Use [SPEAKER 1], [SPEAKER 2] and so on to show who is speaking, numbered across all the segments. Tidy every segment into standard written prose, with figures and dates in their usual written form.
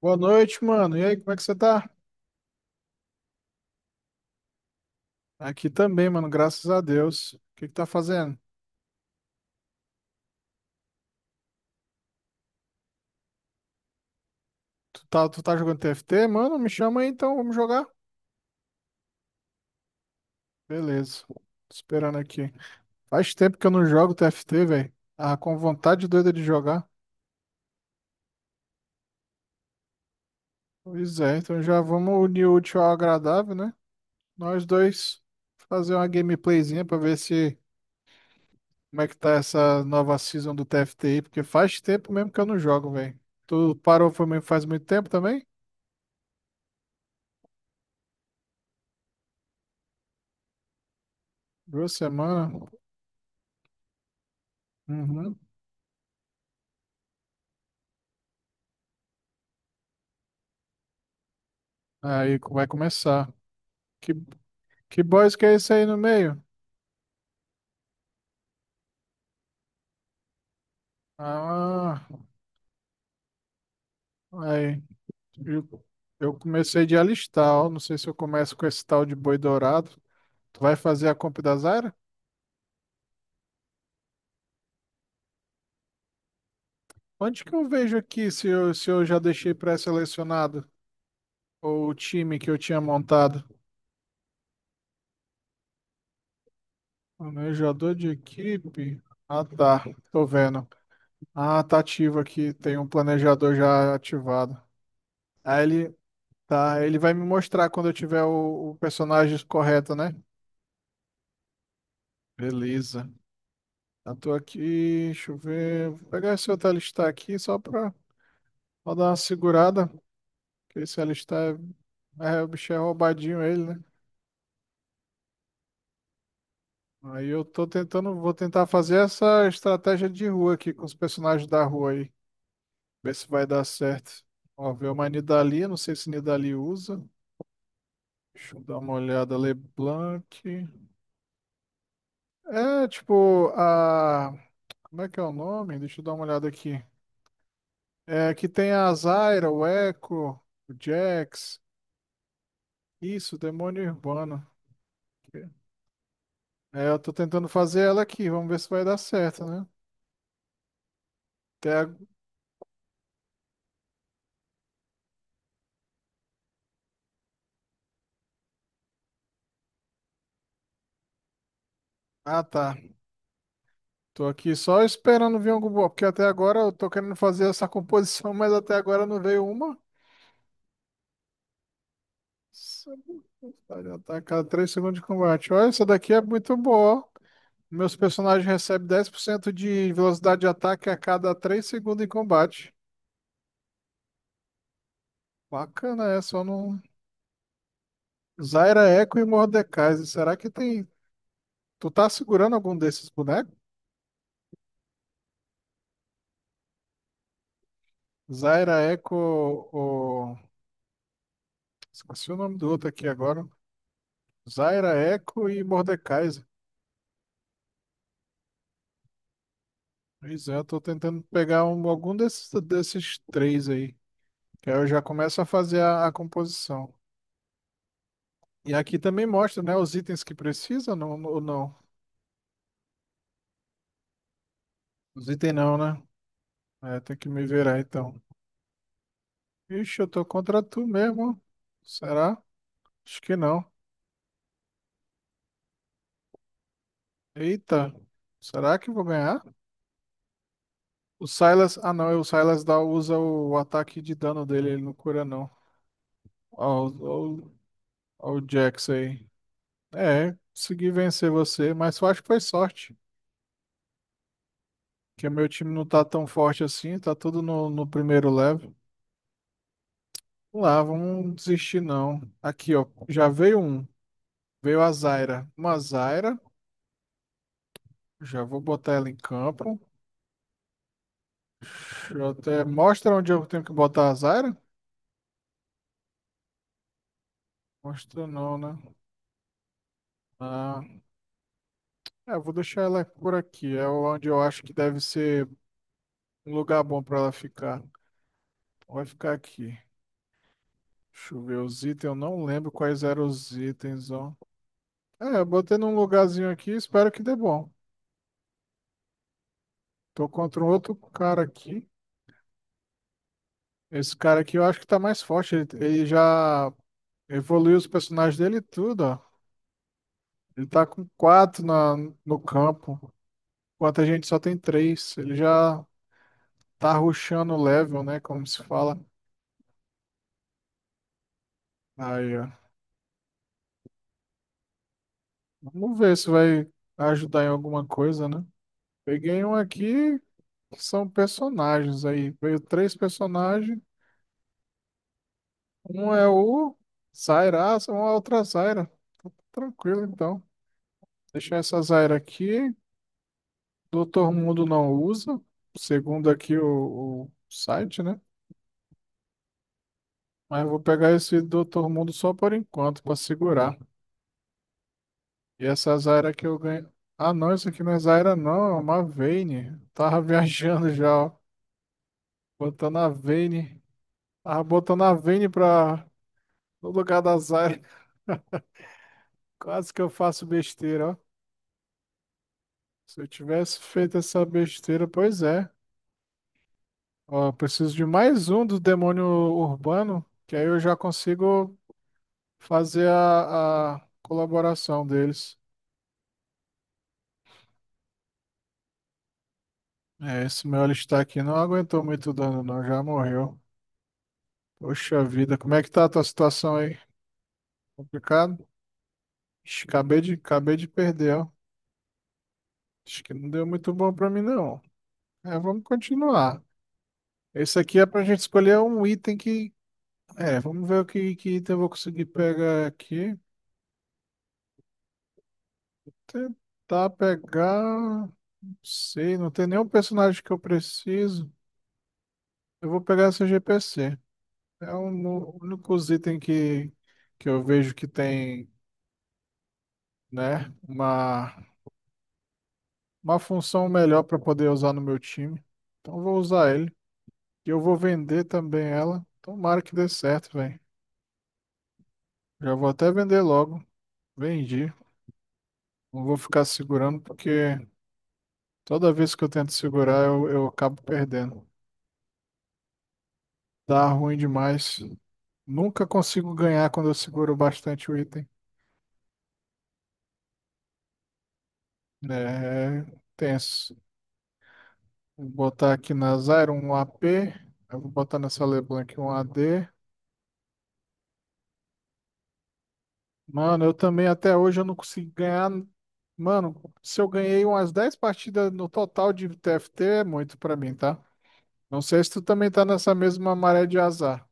[SPEAKER 1] Boa noite, mano. E aí, como é que você tá? Aqui também, mano, graças a Deus. O que que tá fazendo? Tu tá jogando TFT? Mano, me chama aí então, vamos jogar. Beleza. Tô esperando aqui. Faz tempo que eu não jogo TFT, velho. Ah, com vontade doida de jogar. Pois é, então já vamos unir o útil ao agradável, né? Nós dois fazer uma gameplayzinha pra ver se como é que tá essa nova season do TFT aí, porque faz tempo mesmo que eu não jogo, velho. Tu parou faz muito tempo também? 2 semanas. Uhum. Vai começar. Que, que boys que é esse aí no meio? Ah, aí. Eu, eu comecei de alistar, ó. Não sei se eu começo com esse tal de boi dourado. Tu vai fazer a compra da Zara? Onde que eu vejo aqui se eu já deixei pré-selecionado? Ou o time que eu tinha montado? Planejador de equipe? Ah, tá. Tô vendo. Ah, tá ativo aqui. Tem um planejador já ativado. Aí ele, Tá, ele vai me mostrar quando eu tiver o personagem correto, né? Beleza. Eu tô aqui, deixa eu ver. Vou pegar esse outro alistar aqui só pra pra dar uma segurada. Porque esse alistar o bicho é roubadinho, ele, né? Aí eu tô tentando, vou tentar fazer essa estratégia de rua aqui com os personagens da rua aí. Ver se vai dar certo. Ó, ver uma Nidalee, não sei se Nidalee usa. Deixa eu dar uma olhada. LeBlanc. É, tipo, a. Como é que é o nome? Deixa eu dar uma olhada aqui. É, que tem a Zyra, o Echo, o Jax. Isso, Demônio Urbano. É, eu tô tentando fazer ela aqui. Vamos ver se vai dar certo, né? Até a- Ah, tá. Tô aqui só esperando vir algum boa, porque até agora eu tô querendo fazer essa composição, mas até agora não veio uma. Isso é muito vontade, já tá a cada 3 segundos de combate. Olha, essa daqui é muito boa, ó. Meus personagens recebem 10% de velocidade de ataque a cada 3 segundos em combate. Bacana essa. Só não, Zaira Echo e Mordekaiser. Será que tem. Tu tá segurando algum desses bonecos? Zaira Echo ou. Esqueci o nome do outro aqui agora. Zaira Echo e Mordekaiser. Pois é, eu tô tentando pegar algum desses três aí. Que aí eu já começo a fazer a composição. E aqui também mostra, né? Os itens que precisa não, ou não. Os itens não, né? É, tem que me virar então. Ixi, eu tô contra tu mesmo. Será? Acho que não. Eita. Será que eu vou ganhar? O Silas. Ah, não. É, o Silas dá, usa o ataque de dano dele. Ele não cura, não. Ó, ó, ó o Jax aí. É, consegui vencer você, mas eu acho que foi sorte. Porque meu time não tá tão forte assim. Tá tudo no primeiro level. Vamos lá, vamos desistir, não. Aqui, ó. Já veio um. Veio a Zyra. Uma Zyra. Já vou botar ela em campo. Deixa eu até... Mostra onde eu tenho que botar a Zyra? Mostra não, né? Ah, é, eu vou deixar ela por aqui. É onde eu acho que deve ser um lugar bom para ela ficar. Vai ficar aqui. Deixa eu ver os itens. Eu não lembro quais eram os itens, ó. É, eu botei num lugarzinho aqui. Espero que dê bom. Tô contra um outro cara aqui. Esse cara aqui eu acho que tá mais forte. Ele já evoluiu os personagens dele e tudo, ó. Ele tá com quatro no campo. Enquanto a gente só tem três. Ele já tá rushando o level, né? Como se fala. Aí, ó. Vamos ver se vai ajudar em alguma coisa, né? Peguei um aqui que são personagens aí. Veio três personagens. Um é o Zaira, ah, uma outra Zaira. Tá tranquilo, então. Deixar essa Zaira aqui. Doutor Mundo não usa, segundo aqui o site, né? Mas eu vou pegar esse Doutor Mundo só por enquanto, para segurar. E essa Zaira que eu ganho. Ah, não, isso aqui não é Zaira, não. É uma Vayne. Tava viajando já, ó. Botando a Vayne. Ah, botando a Vini pra... no lugar da Zyra. Quase que eu faço besteira, ó. Se eu tivesse feito essa besteira, pois é. Ó, eu preciso de mais um do demônio urbano, que aí eu já consigo fazer a colaboração deles. É, esse meu alistar aqui não aguentou muito dano, não. Já morreu. Poxa vida, como é que tá a tua situação aí? Complicado? Ixi, acabei de perder, ó. Acho que não deu muito bom pra mim, não. É, vamos continuar. Esse aqui é pra gente escolher um item que. É, vamos ver que item eu vou conseguir pegar aqui. Tentar pegar. Não sei, não tem nenhum personagem que eu preciso. Eu vou pegar essa GPC. É um, o único item que eu vejo que tem, né, uma função melhor para poder usar no meu time. Então eu vou usar ele. E eu vou vender também ela. Tomara que dê certo, velho. Já vou até vender logo. Vendi. Não vou ficar segurando porque. Toda vez que eu tento segurar, eu acabo perdendo. Dá ruim demais. Nunca consigo ganhar quando eu seguro bastante o item. É tenso. Vou botar aqui na Zyra um AP. Eu vou botar nessa LeBlanc um AD. Mano, eu também até hoje eu não consigo ganhar. Mano, se eu ganhei umas 10 partidas no total de TFT, é muito pra mim, tá? Não sei se tu também tá nessa mesma maré de azar.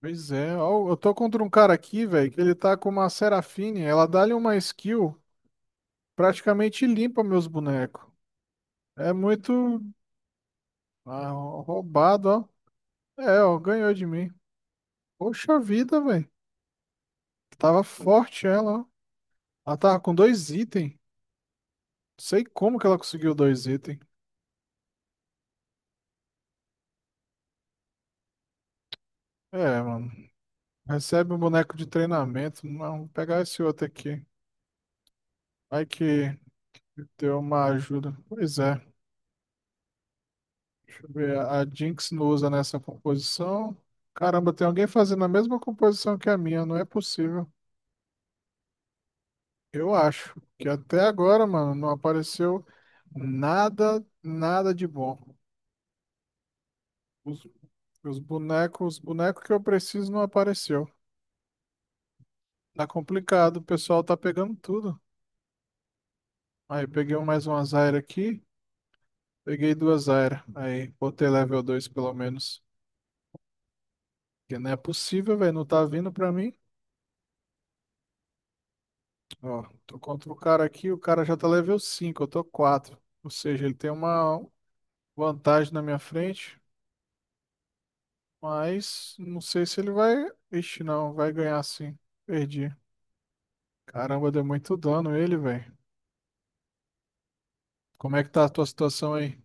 [SPEAKER 1] Pois é, ó, eu tô contra um cara aqui, velho, que ele tá com uma Serafine, ela dá-lhe uma skill, praticamente limpa meus bonecos. É muito roubado, ó. É, ó, ganhou de mim. Poxa vida, velho. Tava forte ela, ó. Ela tava com dois itens. Sei como que ela conseguiu dois itens. É, mano. Recebe um boneco de treinamento. Não, vou pegar esse outro aqui. Vai que deu uma ajuda. Pois é. Deixa eu ver, a Jinx não usa nessa composição. Caramba, tem alguém fazendo a mesma composição que a minha, não é possível. Eu acho que até agora, mano, não apareceu nada de bom. Os, os bonecos que eu preciso não apareceu. Tá complicado, o pessoal tá pegando tudo. Aí peguei mais uma Zyra aqui, peguei duas Zyra. Aí botei level 2 pelo menos. Porque não é possível, velho, não tá vindo pra mim. Ó, tô contra o cara aqui, o cara já tá level 5 eu tô quatro. Ou seja, ele tem uma vantagem na minha frente, mas não sei se ele vai. Ixi, não, vai ganhar sim. Perdi. Caramba, deu muito dano ele, velho. Como é que tá a tua situação aí?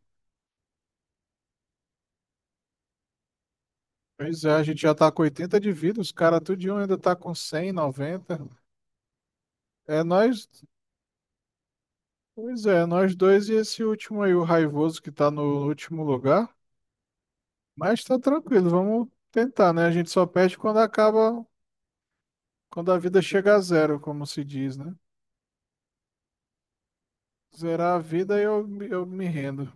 [SPEAKER 1] Pois é, a gente já tá com 80 de vida, os caras tudinho ainda tá com 100 90. É nós. Pois é, nós dois e esse último aí, o raivoso que tá no último lugar. Mas tá tranquilo, vamos tentar, né? A gente só perde quando acaba. Quando a vida chega a zero, como se diz, né? Zerar a vida, eu me rendo.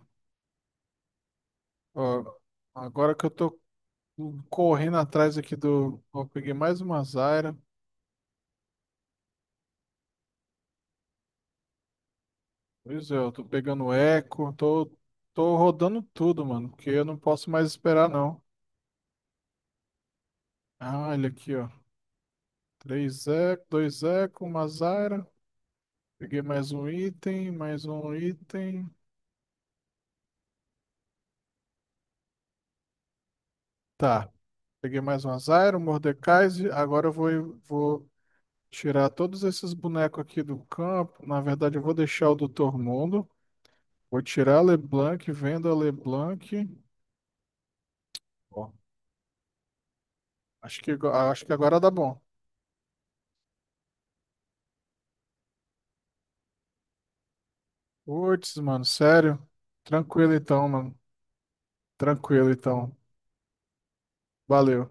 [SPEAKER 1] Ó, agora que eu tô correndo atrás aqui do. Ó, peguei mais uma Zyra. Pois é, eu tô pegando eco, tô rodando tudo, mano, porque eu não posso mais esperar, não. Ah, olha aqui, ó. Três eco, dois eco, uma Zyra. Peguei mais um item, mais um item. Tá. Peguei mais uma Zyra, um Mordekaiser. Agora vou tirar todos esses bonecos aqui do campo. Na verdade, eu vou deixar o Doutor Mundo. Vou tirar a LeBlanc, vendo a LeBlanc. Ó, acho que agora dá bom. Putz, mano, sério? Tranquilo então, mano. Tranquilo então. Valeu.